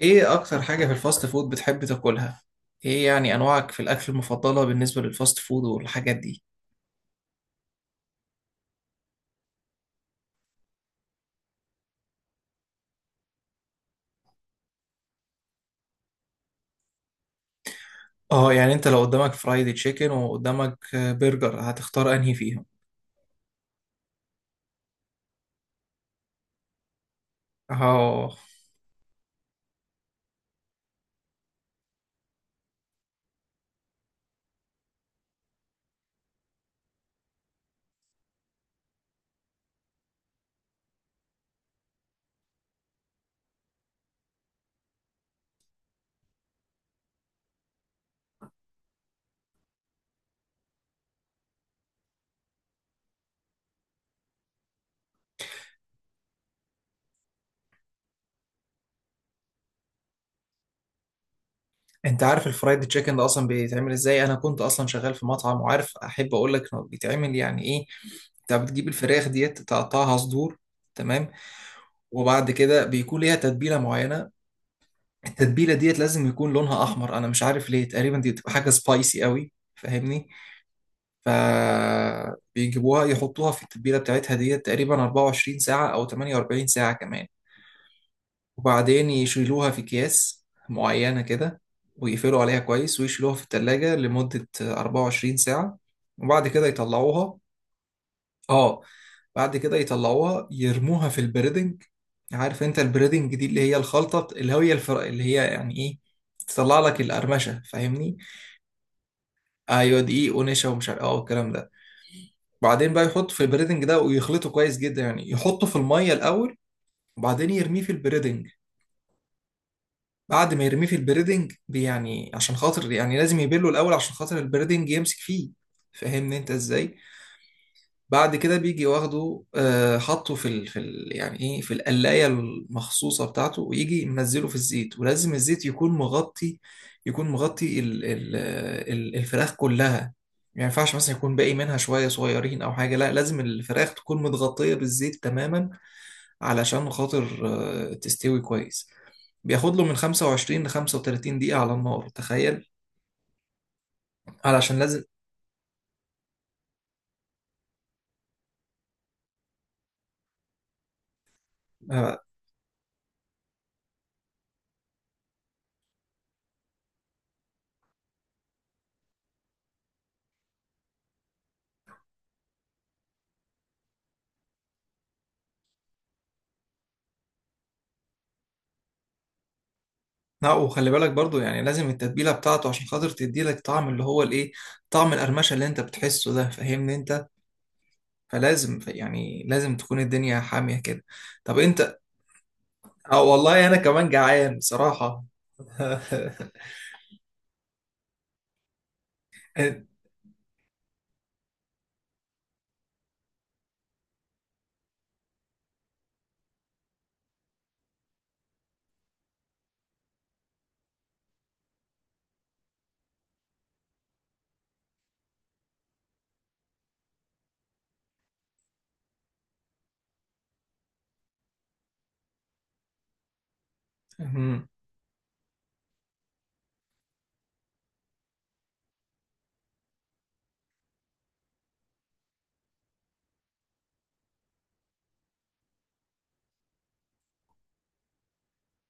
ايه اكتر حاجة في الفاست فود بتحب تاكلها؟ ايه يعني انواعك في الاكل المفضلة بالنسبة للفاست فود والحاجات دي؟ اه، يعني انت لو قدامك فرايد تشيكن وقدامك برجر هتختار انهي فيهم؟ اه، انت عارف الفرايد تشيكن ده اصلا بيتعمل ازاي؟ انا كنت اصلا شغال في مطعم وعارف، احب اقول لك انه بيتعمل يعني ايه؟ انت بتجيب الفراخ ديت تقطعها صدور، تمام، وبعد كده بيكون ليها تتبيلة معينة. التتبيلة ديت لازم يكون لونها احمر، انا مش عارف ليه، تقريبا دي بتبقى حاجة سبايسي قوي، فاهمني؟ فبيجيبوها يحطوها في التتبيلة بتاعتها دي تقريبا 24 ساعة أو 48 ساعة كمان، وبعدين يشيلوها في أكياس معينة كده، ويقفلوا عليها كويس ويشيلوها في التلاجة لمدة 24 ساعة، وبعد كده يطلعوها. اه، بعد كده يطلعوها يرموها في البريدنج. عارف انت البريدنج دي اللي هي الخلطة اللي هي اللي هي يعني ايه، تطلع لك القرمشة، فاهمني؟ ايوه، دقيق ونشا ومش عارف اه والكلام ده. بعدين بقى يحط في البريدنج ده ويخلطه كويس جدا، يعني يحطه في الميه الاول وبعدين يرميه في البريدنج. بعد ما يرميه في البريدنج يعني عشان خاطر، يعني لازم يبله الاول عشان خاطر البريدنج يمسك فيه، فاهمني انت ازاي؟ بعد كده بيجي واخده، حطه في يعني ايه، في القلايه المخصوصه بتاعته، ويجي منزله في الزيت، ولازم الزيت يكون مغطي. يكون مغطي الفراخ كلها. ما ينفعش مثلا يكون باقي منها شويه صغيرين او حاجه، لا لازم الفراخ تكون متغطيه بالزيت تماما، علشان خاطر تستوي كويس. بياخد له من 25 ل 35 دقيقه على النار، تخيل، علشان لازم آه، لا وخلي بالك برضو، يعني لازم التتبيلة بتاعته عشان خاطر تدي لك طعم اللي هو الايه، طعم القرمشة اللي انت بتحسه ده، فاهمني انت؟ فلازم يعني لازم تكون الدنيا حامية كده. طب انت. اه والله انا كمان جعان بصراحة. إن- مم.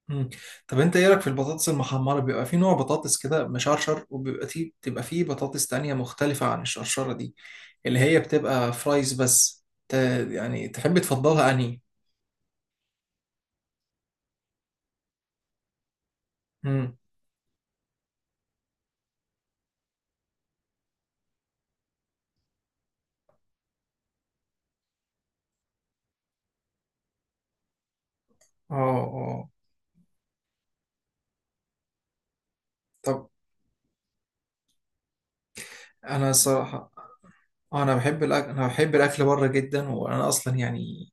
مم. طب انت ايه رايك في البطاطس المحمرة؟ بيبقى في نوع بطاطس كده مشرشر، وبيبقى فيه بتبقى فيه بطاطس تانية مختلفة عن الشرشرة دي، اللي هي بتبقى فرايز بس يعني تحب تفضلها انهي؟ مم. اه، اه. طب انا الصراحه، انا بحب الاكل، انا بحب الاكل بره جدا، وانا اصلا يعني،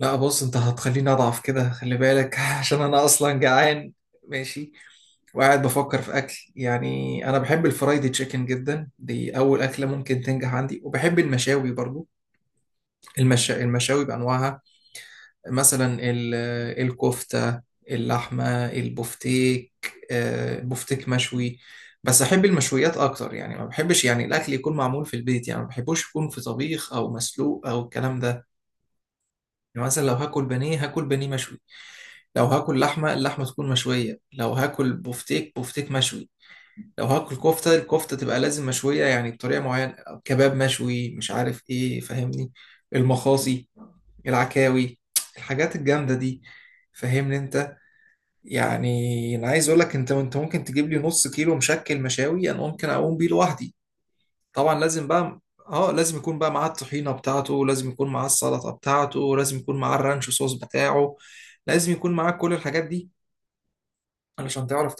لا بص انت هتخليني اضعف كده، خلي بالك، عشان انا اصلا جعان. ماشي. وقاعد بفكر في اكل، يعني انا بحب الفرايدي تشيكن جدا، دي اول اكله ممكن تنجح عندي، وبحب المشاوي برضو. المشاوي بانواعها، مثلا الكفتة، اللحمة، البفتيك، البفتيك مشوي. بس أحب المشويات أكتر، يعني ما بحبش يعني الأكل يكون معمول في البيت، يعني ما بحبوش يكون في طبيخ أو مسلوق أو الكلام ده. يعني مثلا لو هاكل بانيه هاكل بانيه مشوي، لو هاكل لحمة اللحمة تكون مشوية، لو هاكل بفتيك بفتيك مشوي، لو هاكل كفتة الكفتة تبقى لازم مشوية، يعني بطريقة معينة، كباب مشوي مش عارف ايه، فاهمني؟ المخاصي، العكاوي، الحاجات الجامدة دي، فاهمني انت؟ يعني انا عايز اقول لك انت ممكن تجيب لي نص كيلو مشكل مشاوي، انا ممكن اقوم بيه لوحدي. طبعا لازم بقى، اه، لازم يكون بقى معاه الطحينة بتاعته، لازم يكون معاه السلطة بتاعته، لازم يكون معاه الرانش صوص بتاعه، لازم يكون معاه كل الحاجات دي، علشان تعرف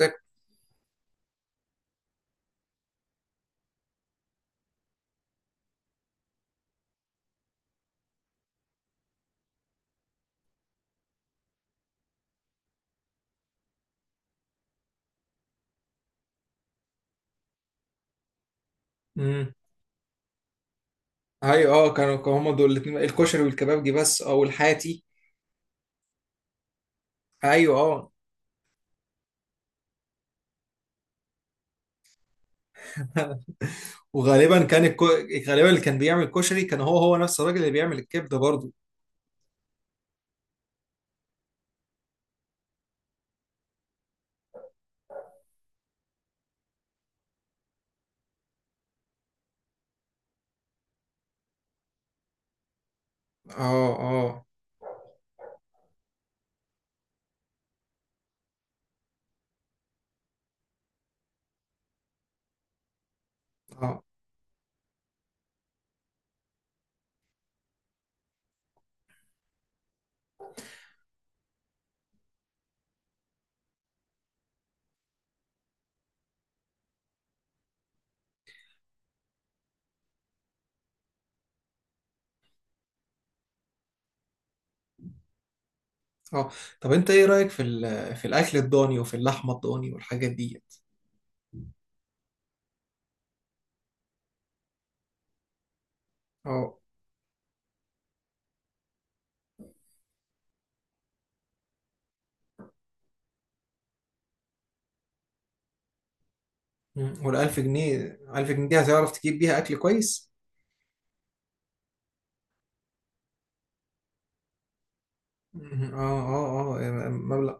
تاكل. ايوه، اه، كانوا هما دول الاثنين، الكشري والكبابجي بس او الحاتي. ايوه، اه، وغالبا كان غالبا اللي كان بيعمل الكشري كان هو نفس الراجل اللي بيعمل الكبده برضو. اه، اه، اه، اه. طب انت ايه رايك في في الاكل الضاني وفي اللحمه الضاني والحاجات دي؟ اه. مم. والألف جنيه، ألف جنيه دي هتعرف تجيب بيها أكل كويس؟ مم. اه، اه، اه، مبلغ.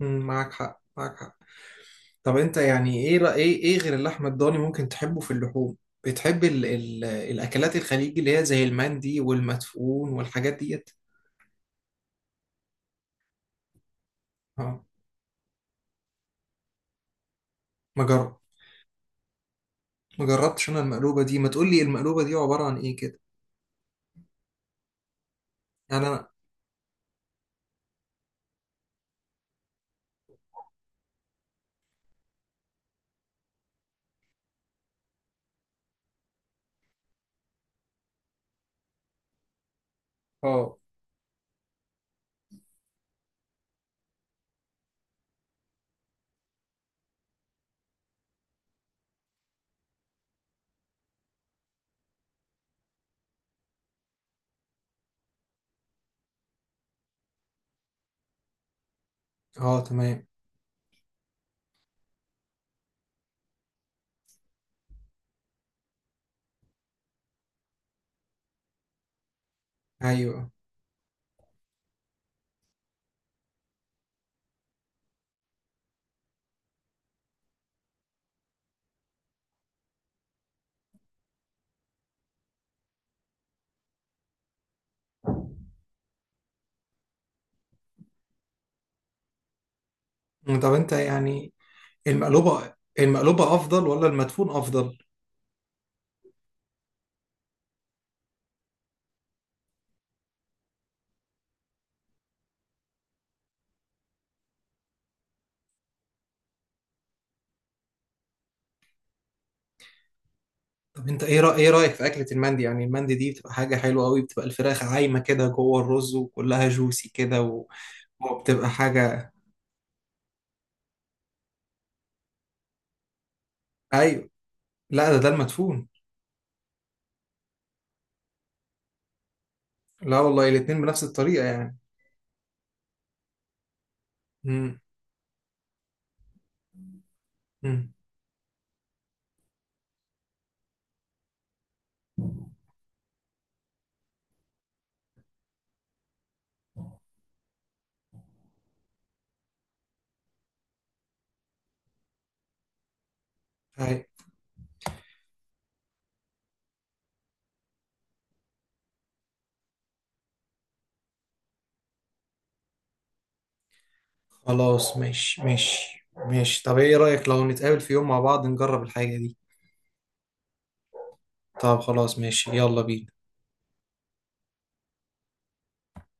مم، معاك حق، معاك حق. طب انت يعني ايه ايه، ايه غير اللحمه الضاني ممكن تحبه في اللحوم؟ بتحب ال الاكلات الخليجي اللي هي زي المندي والمدفون والحاجات ديت؟ اه، ما جرب، ما جربتش انا المقلوبه دي، ما تقول لي المقلوبه دي عباره عن ايه كده. يعني انا. اه، اه، تمام. ايوه. طب انت يعني، المقلوبه افضل ولا المدفون افضل؟ طب انت ايه ايه رايك في اكله المندي؟ يعني المندي دي بتبقى حاجه حلوه قوي، بتبقى الفراخ عايمه كده جوه الرز وكلها جوسي كده، و، وبتبقى حاجه، ايوه. لا، ده ده المدفون. لا والله الاتنين بنفس الطريقة يعني. امم، امم. هاي. خلاص، ماشي، ماشي، ماشي. طب ايه رأيك لو نتقابل في يوم مع بعض نجرب الحاجة دي؟ طب خلاص ماشي، يلا بينا.